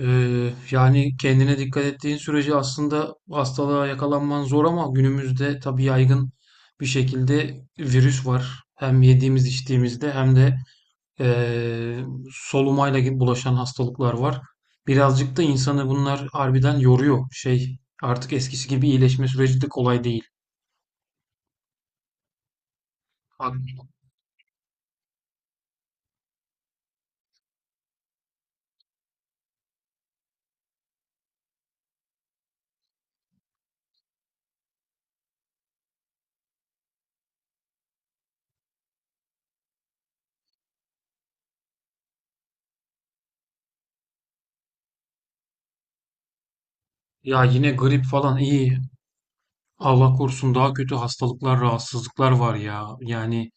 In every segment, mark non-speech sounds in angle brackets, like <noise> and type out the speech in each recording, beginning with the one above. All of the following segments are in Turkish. Yani kendine dikkat ettiğin sürece aslında hastalığa yakalanman zor ama günümüzde tabii yaygın bir şekilde virüs var. Hem yediğimiz içtiğimizde hem de eee solumayla gibi bulaşan hastalıklar var. Birazcık da insanı bunlar harbiden yoruyor. Artık eskisi gibi iyileşme süreci de kolay değil. Hak- Ya yine grip falan iyi. Allah korusun daha kötü hastalıklar, rahatsızlıklar var ya. Yani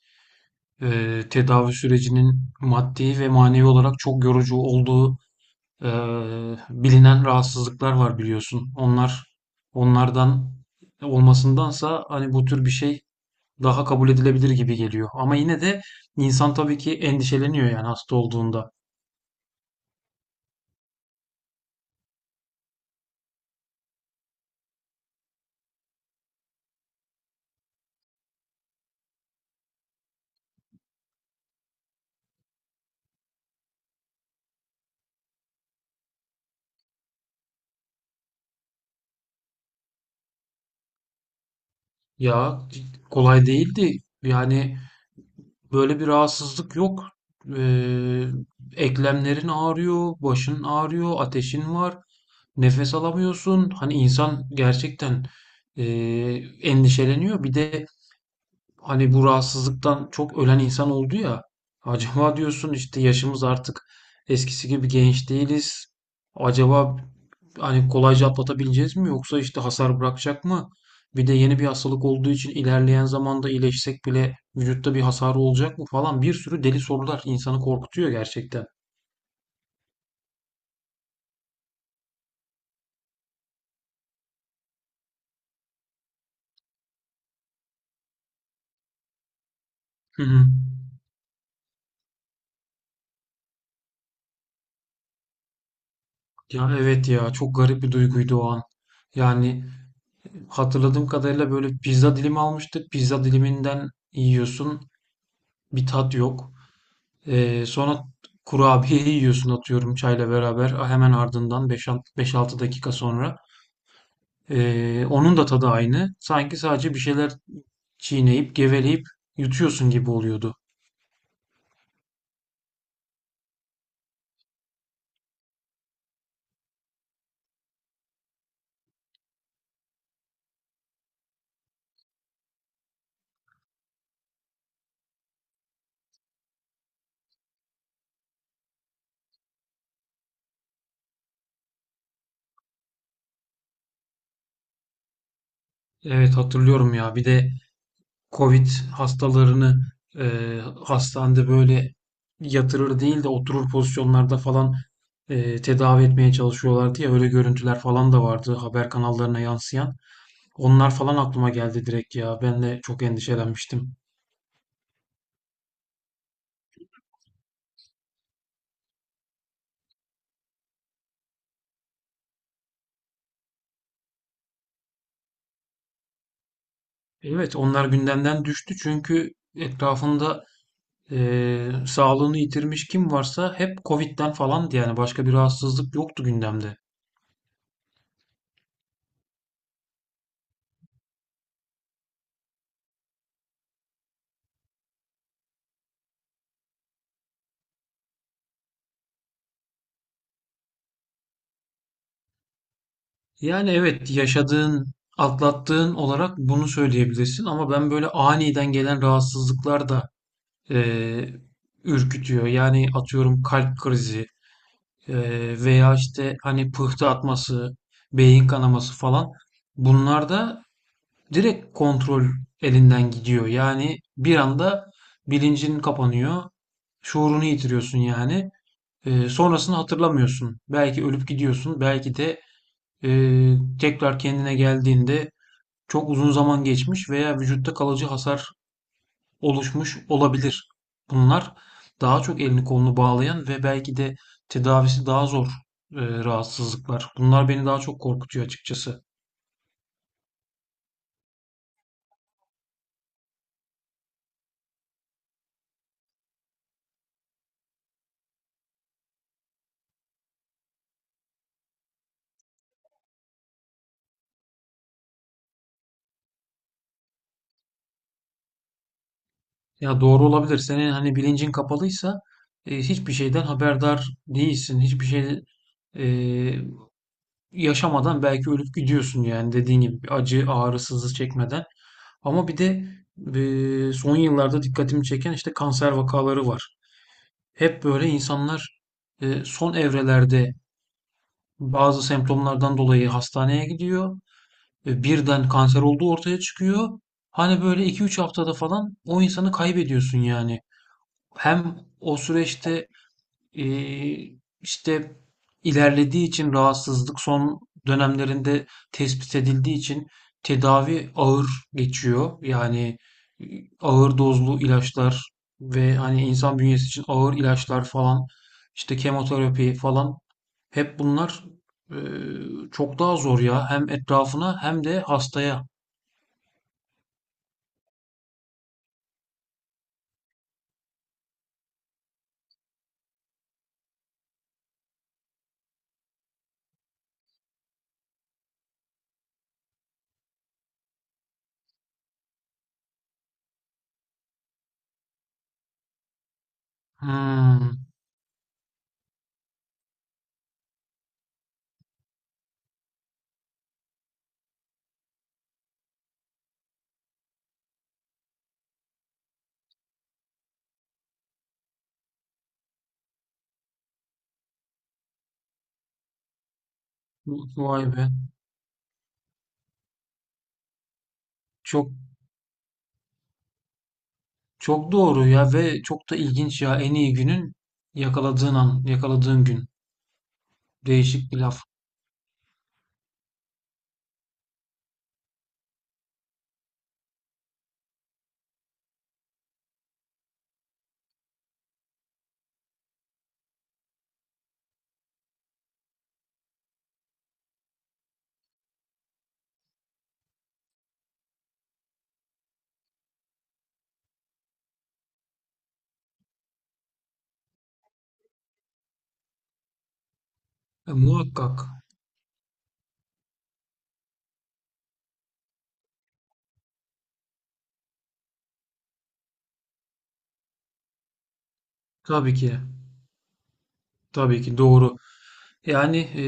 tedavi sürecinin maddi ve manevi olarak çok yorucu olduğu e, bilinen rahatsızlıklar var biliyorsun. Onlardan olmasındansa hani bu tür bir şey daha kabul edilebilir gibi geliyor. Ama yine de insan tabii ki endişeleniyor yani hasta olduğunda. Ya kolay değildi. Yani böyle bir rahatsızlık yok. E, Eklemlerin ağrıyor, başın ağrıyor, ateşin var. Nefes alamıyorsun. Hani insan gerçekten, eee, endişeleniyor. Bir de hani bu rahatsızlıktan çok ölen insan oldu ya. Acaba diyorsun işte yaşımız artık eskisi gibi genç değiliz. Acaba hani kolayca atlatabileceğiz mi yoksa işte hasar bırakacak mı? Bir de yeni bir hastalık olduğu için ilerleyen zamanda iyileşsek bile vücutta bir hasar olacak mı falan bir sürü deli sorular insanı korkutuyor gerçekten. Hı hı. Ya evet ya çok garip bir duyguydu o an. Yani hatırladığım kadarıyla böyle pizza dilimi almıştık. Pizza diliminden yiyorsun. Bir tat yok. Sonra kurabiye yiyorsun atıyorum çayla beraber. Hemen ardından 5-6 dakika sonra. Onun da tadı aynı. Sanki sadece bir şeyler çiğneyip geveleyip yutuyorsun gibi oluyordu. Evet hatırlıyorum ya. Bir de Covid hastalarını, hastanede böyle yatırır değil de oturur pozisyonlarda falan, tedavi etmeye çalışıyorlardı ya, öyle görüntüler falan da vardı haber kanallarına yansıyan. Onlar falan aklıma geldi direkt ya. Ben de çok endişelenmiştim. Evet, onlar gündemden düştü çünkü etrafında sağlığını yitirmiş kim varsa hep Covid'den falandı yani başka bir rahatsızlık yoktu gündemde. Yani evet yaşadığın, atlattığın olarak bunu söyleyebilirsin ama ben böyle aniden gelen rahatsızlıklar da eee, ürkütüyor. Yani atıyorum kalp krizi veya işte hani pıhtı atması, beyin kanaması falan bunlar da direkt kontrol elinden gidiyor. Yani bir anda bilincin kapanıyor, şuurunu yitiriyorsun yani. Sonrasını hatırlamıyorsun. Belki ölüp gidiyorsun, belki de tekrar kendine geldiğinde çok uzun zaman geçmiş veya vücutta kalıcı hasar oluşmuş olabilir. Bunlar daha çok elini kolunu bağlayan ve belki de tedavisi daha zor rahatsızlıklar. Bunlar beni daha çok korkutuyor açıkçası. Ya doğru olabilir. Senin hani bilincin kapalıysa hiçbir şeyden haberdar değilsin. Hiçbir şey e, yaşamadan belki ölüp gidiyorsun yani dediğin gibi acı ağrı sızı çekmeden. Ama bir de son yıllarda dikkatimi çeken işte kanser vakaları var. Hep böyle insanlar son evrelerde bazı semptomlardan dolayı hastaneye gidiyor. Ve birden kanser olduğu ortaya çıkıyor. Hani böyle 2-3 haftada falan o insanı kaybediyorsun yani. Hem o süreçte ee, işte ilerlediği için rahatsızlık son dönemlerinde tespit edildiği için tedavi ağır geçiyor. Yani e, ağır dozlu ilaçlar ve hani insan bünyesi için ağır ilaçlar falan işte kemoterapi falan hep bunlar e, çok daha zor ya. Hem etrafına hem de hastaya. Hmm, Vay be. Çok Çok doğru ya ve çok da ilginç ya. En iyi günün yakaladığın an, yakaladığın gün. Değişik bir laf. Muhakkak. Tabii ki. Tabii ki doğru. Yani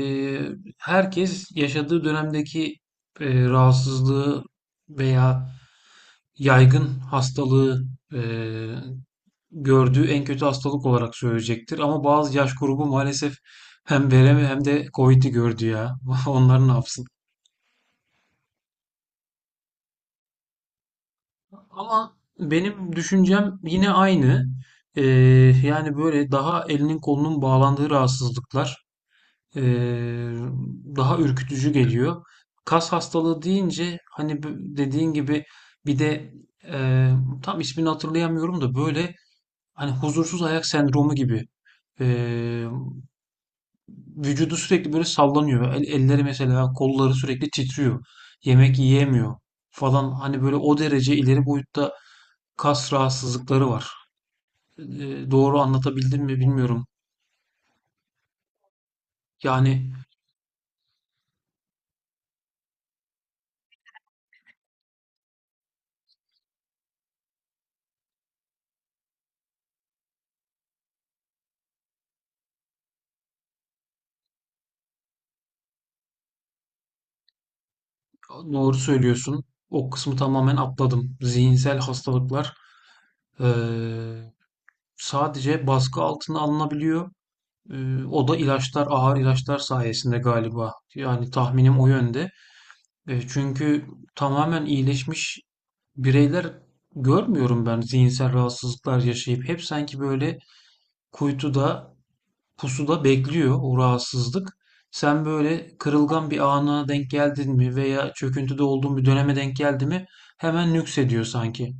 herkes yaşadığı dönemdeki rahatsızlığı veya yaygın hastalığı e, gördüğü en kötü hastalık olarak söyleyecektir. Ama bazı yaş grubu maalesef hem veremi hem de Covid'i gördü ya. <laughs> Onlar ne yapsın? Ama benim düşüncem yine aynı. Ee, Yani böyle daha elinin kolunun bağlandığı rahatsızlıklar ee, daha ürkütücü geliyor. Kas hastalığı deyince hani dediğin gibi bir de ee, tam ismini hatırlayamıyorum da böyle hani huzursuz ayak sendromu gibi ee, vücudu sürekli böyle sallanıyor. Elleri mesela kolları sürekli titriyor. Yemek yiyemiyor falan hani böyle o derece ileri boyutta kas rahatsızlıkları var. Doğru anlatabildim mi bilmiyorum. Yani doğru söylüyorsun. O kısmı tamamen atladım. Zihinsel hastalıklar eee, sadece baskı altına alınabiliyor. O da ilaçlar, ağır ilaçlar sayesinde galiba. Yani tahminim o yönde. Çünkü tamamen iyileşmiş bireyler görmüyorum ben zihinsel rahatsızlıklar yaşayıp. Hep sanki böyle kuytuda pusuda bekliyor o rahatsızlık. Sen böyle kırılgan bir ana denk geldin mi veya çöküntüde olduğun bir döneme denk geldi mi hemen nüksediyor sanki.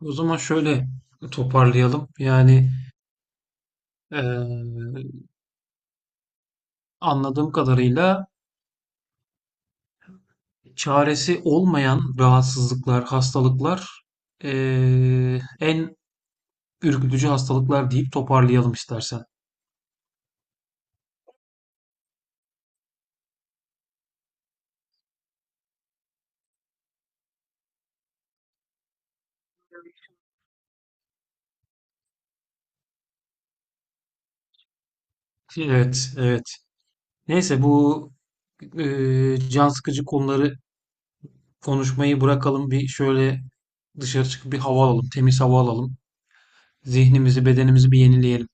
O zaman şöyle toparlayalım. Yani eee, anladığım kadarıyla çaresi olmayan rahatsızlıklar, hastalıklar en ürkütücü hastalıklar deyip toparlayalım istersen. Evet, evet. Neyse bu can sıkıcı konuları konuşmayı bırakalım. Bir şöyle dışarı çıkıp bir hava alalım, temiz hava alalım. Zihnimizi, bedenimizi bir yenileyelim.